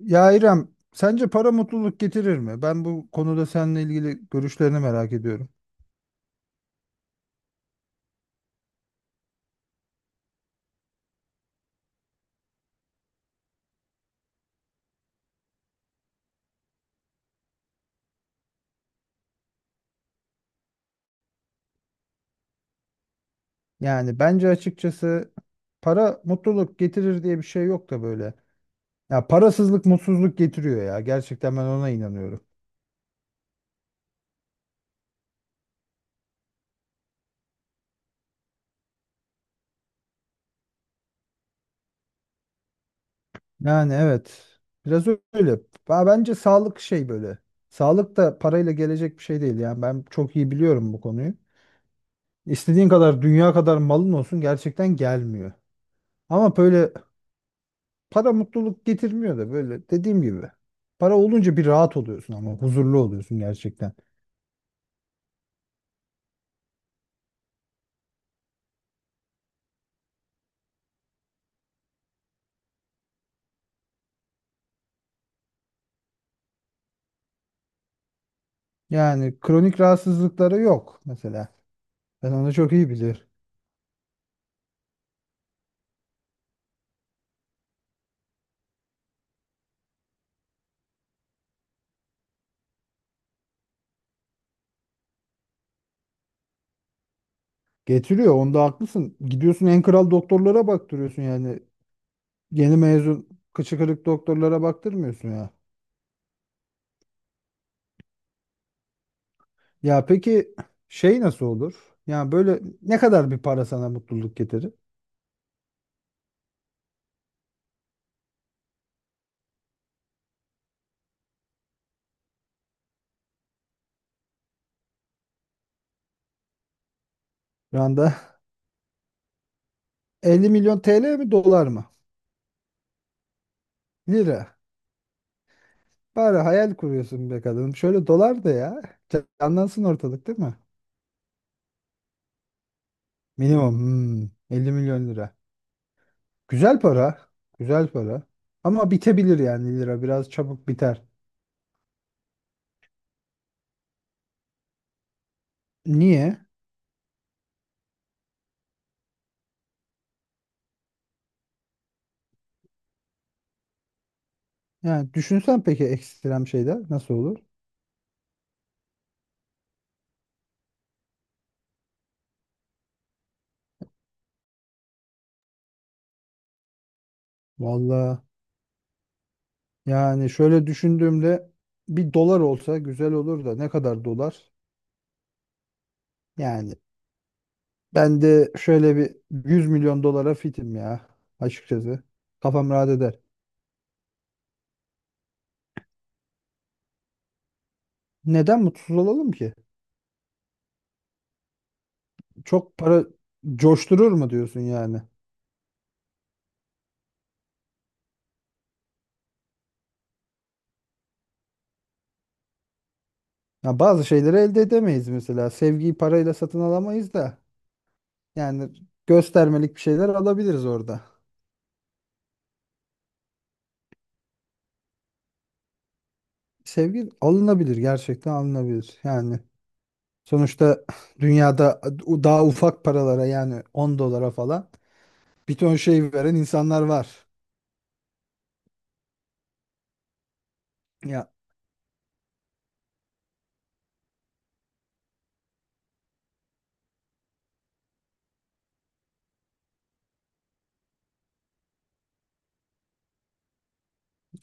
Ya İrem, sence para mutluluk getirir mi? Ben bu konuda seninle ilgili görüşlerini merak ediyorum. Yani bence açıkçası para mutluluk getirir diye bir şey yok da böyle. Ya parasızlık mutsuzluk getiriyor ya. Gerçekten ben ona inanıyorum. Yani evet. Biraz öyle. Ya bence sağlık şey böyle. Sağlık da parayla gelecek bir şey değil. Yani ben çok iyi biliyorum bu konuyu. İstediğin kadar dünya kadar malın olsun gerçekten gelmiyor. Ama böyle para mutluluk getirmiyor da böyle dediğim gibi. Para olunca bir rahat oluyorsun ama huzurlu oluyorsun gerçekten. Yani kronik rahatsızlıkları yok mesela. Ben onu çok iyi bilir. Getiriyor onda haklısın. Gidiyorsun en kral doktorlara baktırıyorsun yani. Yeni mezun kıçı kırık doktorlara baktırmıyorsun ya. Ya peki şey nasıl olur? Yani böyle ne kadar bir para sana mutluluk getirir? Şu anda 50 milyon TL mi dolar mı? Lira. Bari hayal kuruyorsun be kadın. Şöyle dolar da ya. Canlansın ortalık değil mi? Minimum hmm, 50 milyon lira. Güzel para. Güzel para. Ama bitebilir yani lira. Biraz çabuk biter. Niye? Yani düşünsen peki ekstrem şeyler nasıl olur? Vallahi yani şöyle düşündüğümde bir dolar olsa güzel olur da ne kadar dolar? Yani ben de şöyle bir 100 milyon dolara fitim ya açıkçası. Kafam rahat eder. Neden mutsuz olalım ki? Çok para coşturur mu diyorsun yani? Ya bazı şeyleri elde edemeyiz mesela. Sevgiyi parayla satın alamayız da. Yani göstermelik bir şeyler alabiliriz orada. Sevgi alınabilir, gerçekten alınabilir. Yani sonuçta dünyada daha ufak paralara yani 10 dolara falan bir ton şey veren insanlar var. Ya,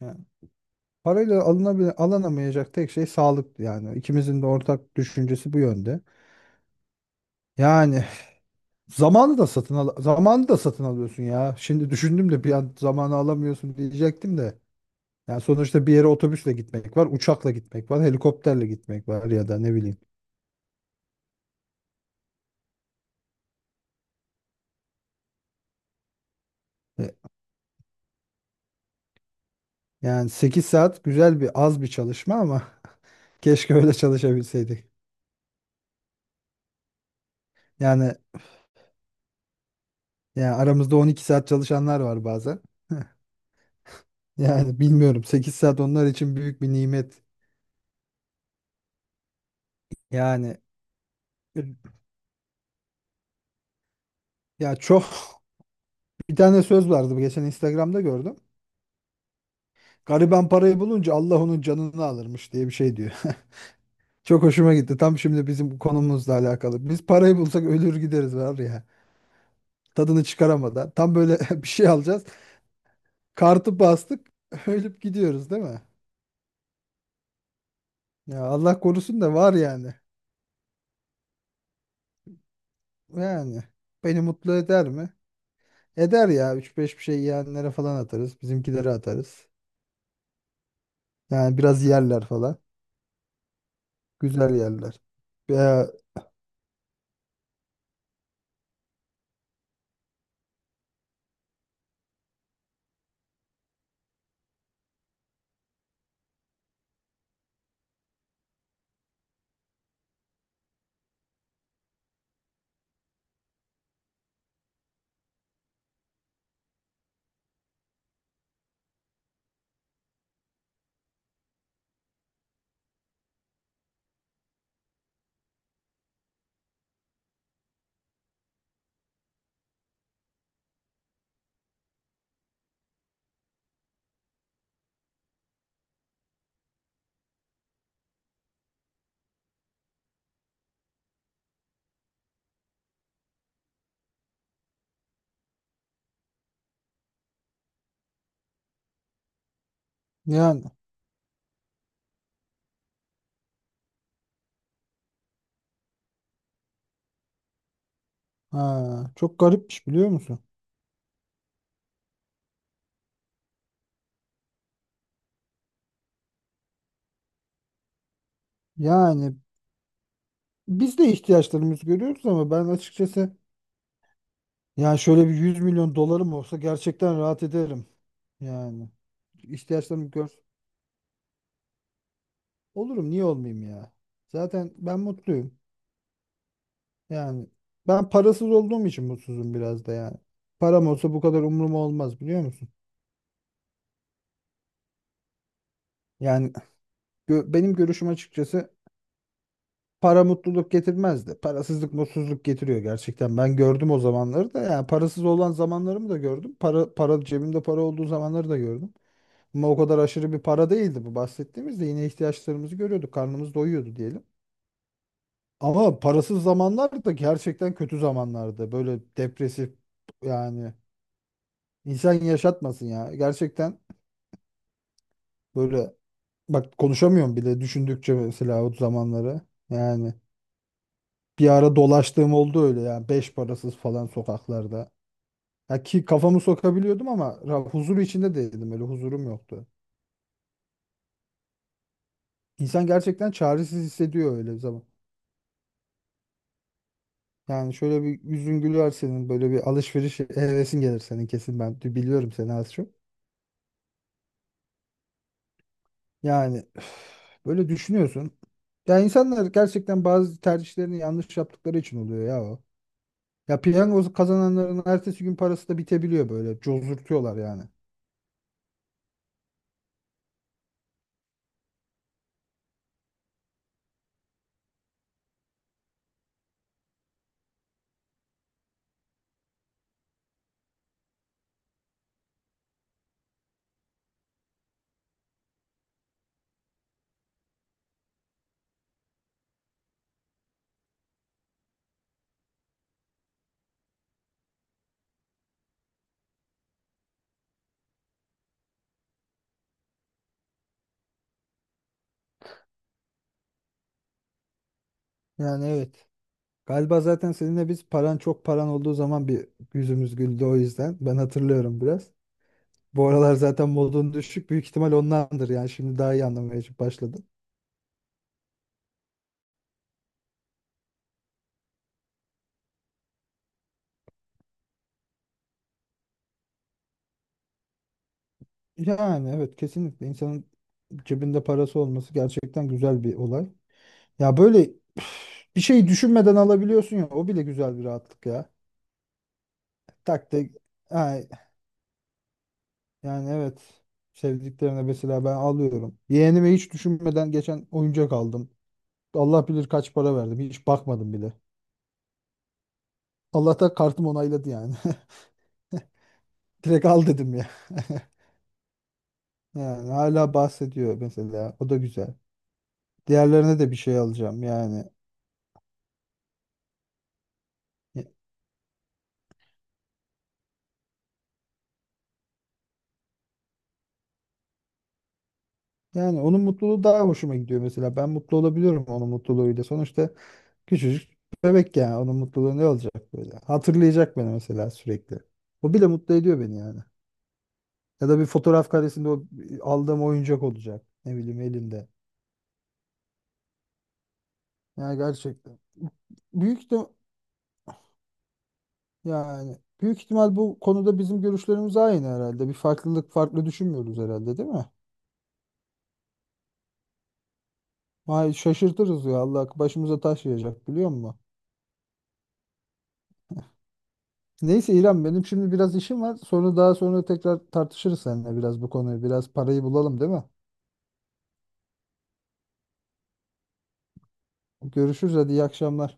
ya parayla alınamayacak tek şey sağlık yani. İkimizin de ortak düşüncesi bu yönde. Yani Zamanı da satın al zamanı da satın alıyorsun ya. Şimdi düşündüm de bir an zamanı alamıyorsun diyecektim de. Yani sonuçta bir yere otobüsle gitmek var, uçakla gitmek var, helikopterle gitmek var ya da ne bileyim. E, Yani 8 saat güzel bir az bir çalışma ama keşke öyle çalışabilseydik. Yani yani aramızda 12 saat çalışanlar var bazen. Yani bilmiyorum 8 saat onlar için büyük bir nimet. Yani ya çok bir tane söz vardı geçen Instagram'da gördüm. Gariban parayı bulunca Allah onun canını alırmış diye bir şey diyor. Çok hoşuma gitti. Tam şimdi bizim bu konumuzla alakalı. Biz parayı bulsak ölür gideriz var ya. Tadını çıkaramadan. Tam böyle bir şey alacağız. Kartı bastık. Ölüp gidiyoruz değil mi? Ya Allah korusun da var yani. Yani beni mutlu eder mi? Eder ya. Üç beş bir şey yiyenlere falan atarız. Bizimkilere atarız. Yani biraz yerler falan. Güzel yerler. Ya, yani ha, çok garipmiş biliyor musun? Yani biz de ihtiyaçlarımızı görüyoruz ama ben açıkçası yani şöyle bir 100 milyon dolarım olsa gerçekten rahat ederim. Yani ihtiyaçlarımı gör. Olurum niye olmayayım ya? Zaten ben mutluyum. Yani ben parasız olduğum için mutsuzum biraz da yani. Param olsa bu kadar umrum olmaz biliyor musun? Yani benim görüşüm açıkçası para mutluluk getirmez de parasızlık mutsuzluk getiriyor gerçekten. Ben gördüm o zamanları da yani parasız olan zamanlarımı da gördüm. Para cebimde para olduğu zamanları da gördüm. Ama o kadar aşırı bir para değildi bu bahsettiğimizde yine ihtiyaçlarımızı görüyorduk. Karnımız doyuyordu diyelim. Ama parasız zamanlar da gerçekten kötü zamanlardı. Böyle depresif yani insan yaşatmasın ya. Gerçekten böyle bak konuşamıyorum bile düşündükçe mesela o zamanları. Yani bir ara dolaştığım oldu öyle yani beş parasız falan sokaklarda. Ya ki kafamı sokabiliyordum ama huzur içinde değildim öyle huzurum yoktu. İnsan gerçekten çaresiz hissediyor öyle zaman. Yani şöyle bir yüzün güler senin böyle bir alışveriş hevesin gelir senin kesin ben biliyorum seni az çok. Yani üf, böyle düşünüyorsun. Ya insanlar gerçekten bazı tercihlerini yanlış yaptıkları için oluyor ya o. Ya piyango kazananların ertesi gün parası da bitebiliyor böyle cozurtuyorlar yani. Yani evet. Galiba zaten seninle biz çok paran olduğu zaman bir yüzümüz güldü o yüzden. Ben hatırlıyorum biraz. Bu aralar zaten modun düşük büyük ihtimal ondandır yani şimdi daha iyi anlamaya başladım. Yani evet kesinlikle insanın cebinde parası olması gerçekten güzel bir olay. Ya böyle bir şey düşünmeden alabiliyorsun ya o bile güzel bir rahatlık ya. Tak de ay, yani evet sevdiklerine mesela ben alıyorum. Yeğenime hiç düşünmeden geçen oyuncak aldım. Allah bilir kaç para verdim hiç bakmadım bile. Allah'ta kartım onayladı yani. Direkt al dedim ya. Yani hala bahsediyor mesela o da güzel. Diğerlerine de bir şey alacağım yani. Yani onun mutluluğu daha hoşuma gidiyor mesela. Ben mutlu olabiliyorum onun mutluluğuyla. Sonuçta küçücük bebek yani. Onun mutluluğu ne olacak böyle? Hatırlayacak beni mesela sürekli. O bile mutlu ediyor beni yani. Ya da bir fotoğraf karesinde o aldığım oyuncak olacak. Ne bileyim elinde. Yani gerçekten. Büyük ihtim- Yani büyük ihtimal bu konuda bizim görüşlerimiz aynı herhalde. Bir farklılık Farklı düşünmüyoruz herhalde değil mi? Vay şaşırtırız ya Allah başımıza taş yiyecek biliyor musun? Neyse İrem benim şimdi biraz işim var. Daha sonra tekrar tartışırız seninle biraz bu konuyu. Biraz parayı bulalım değil mi? Görüşürüz hadi iyi akşamlar.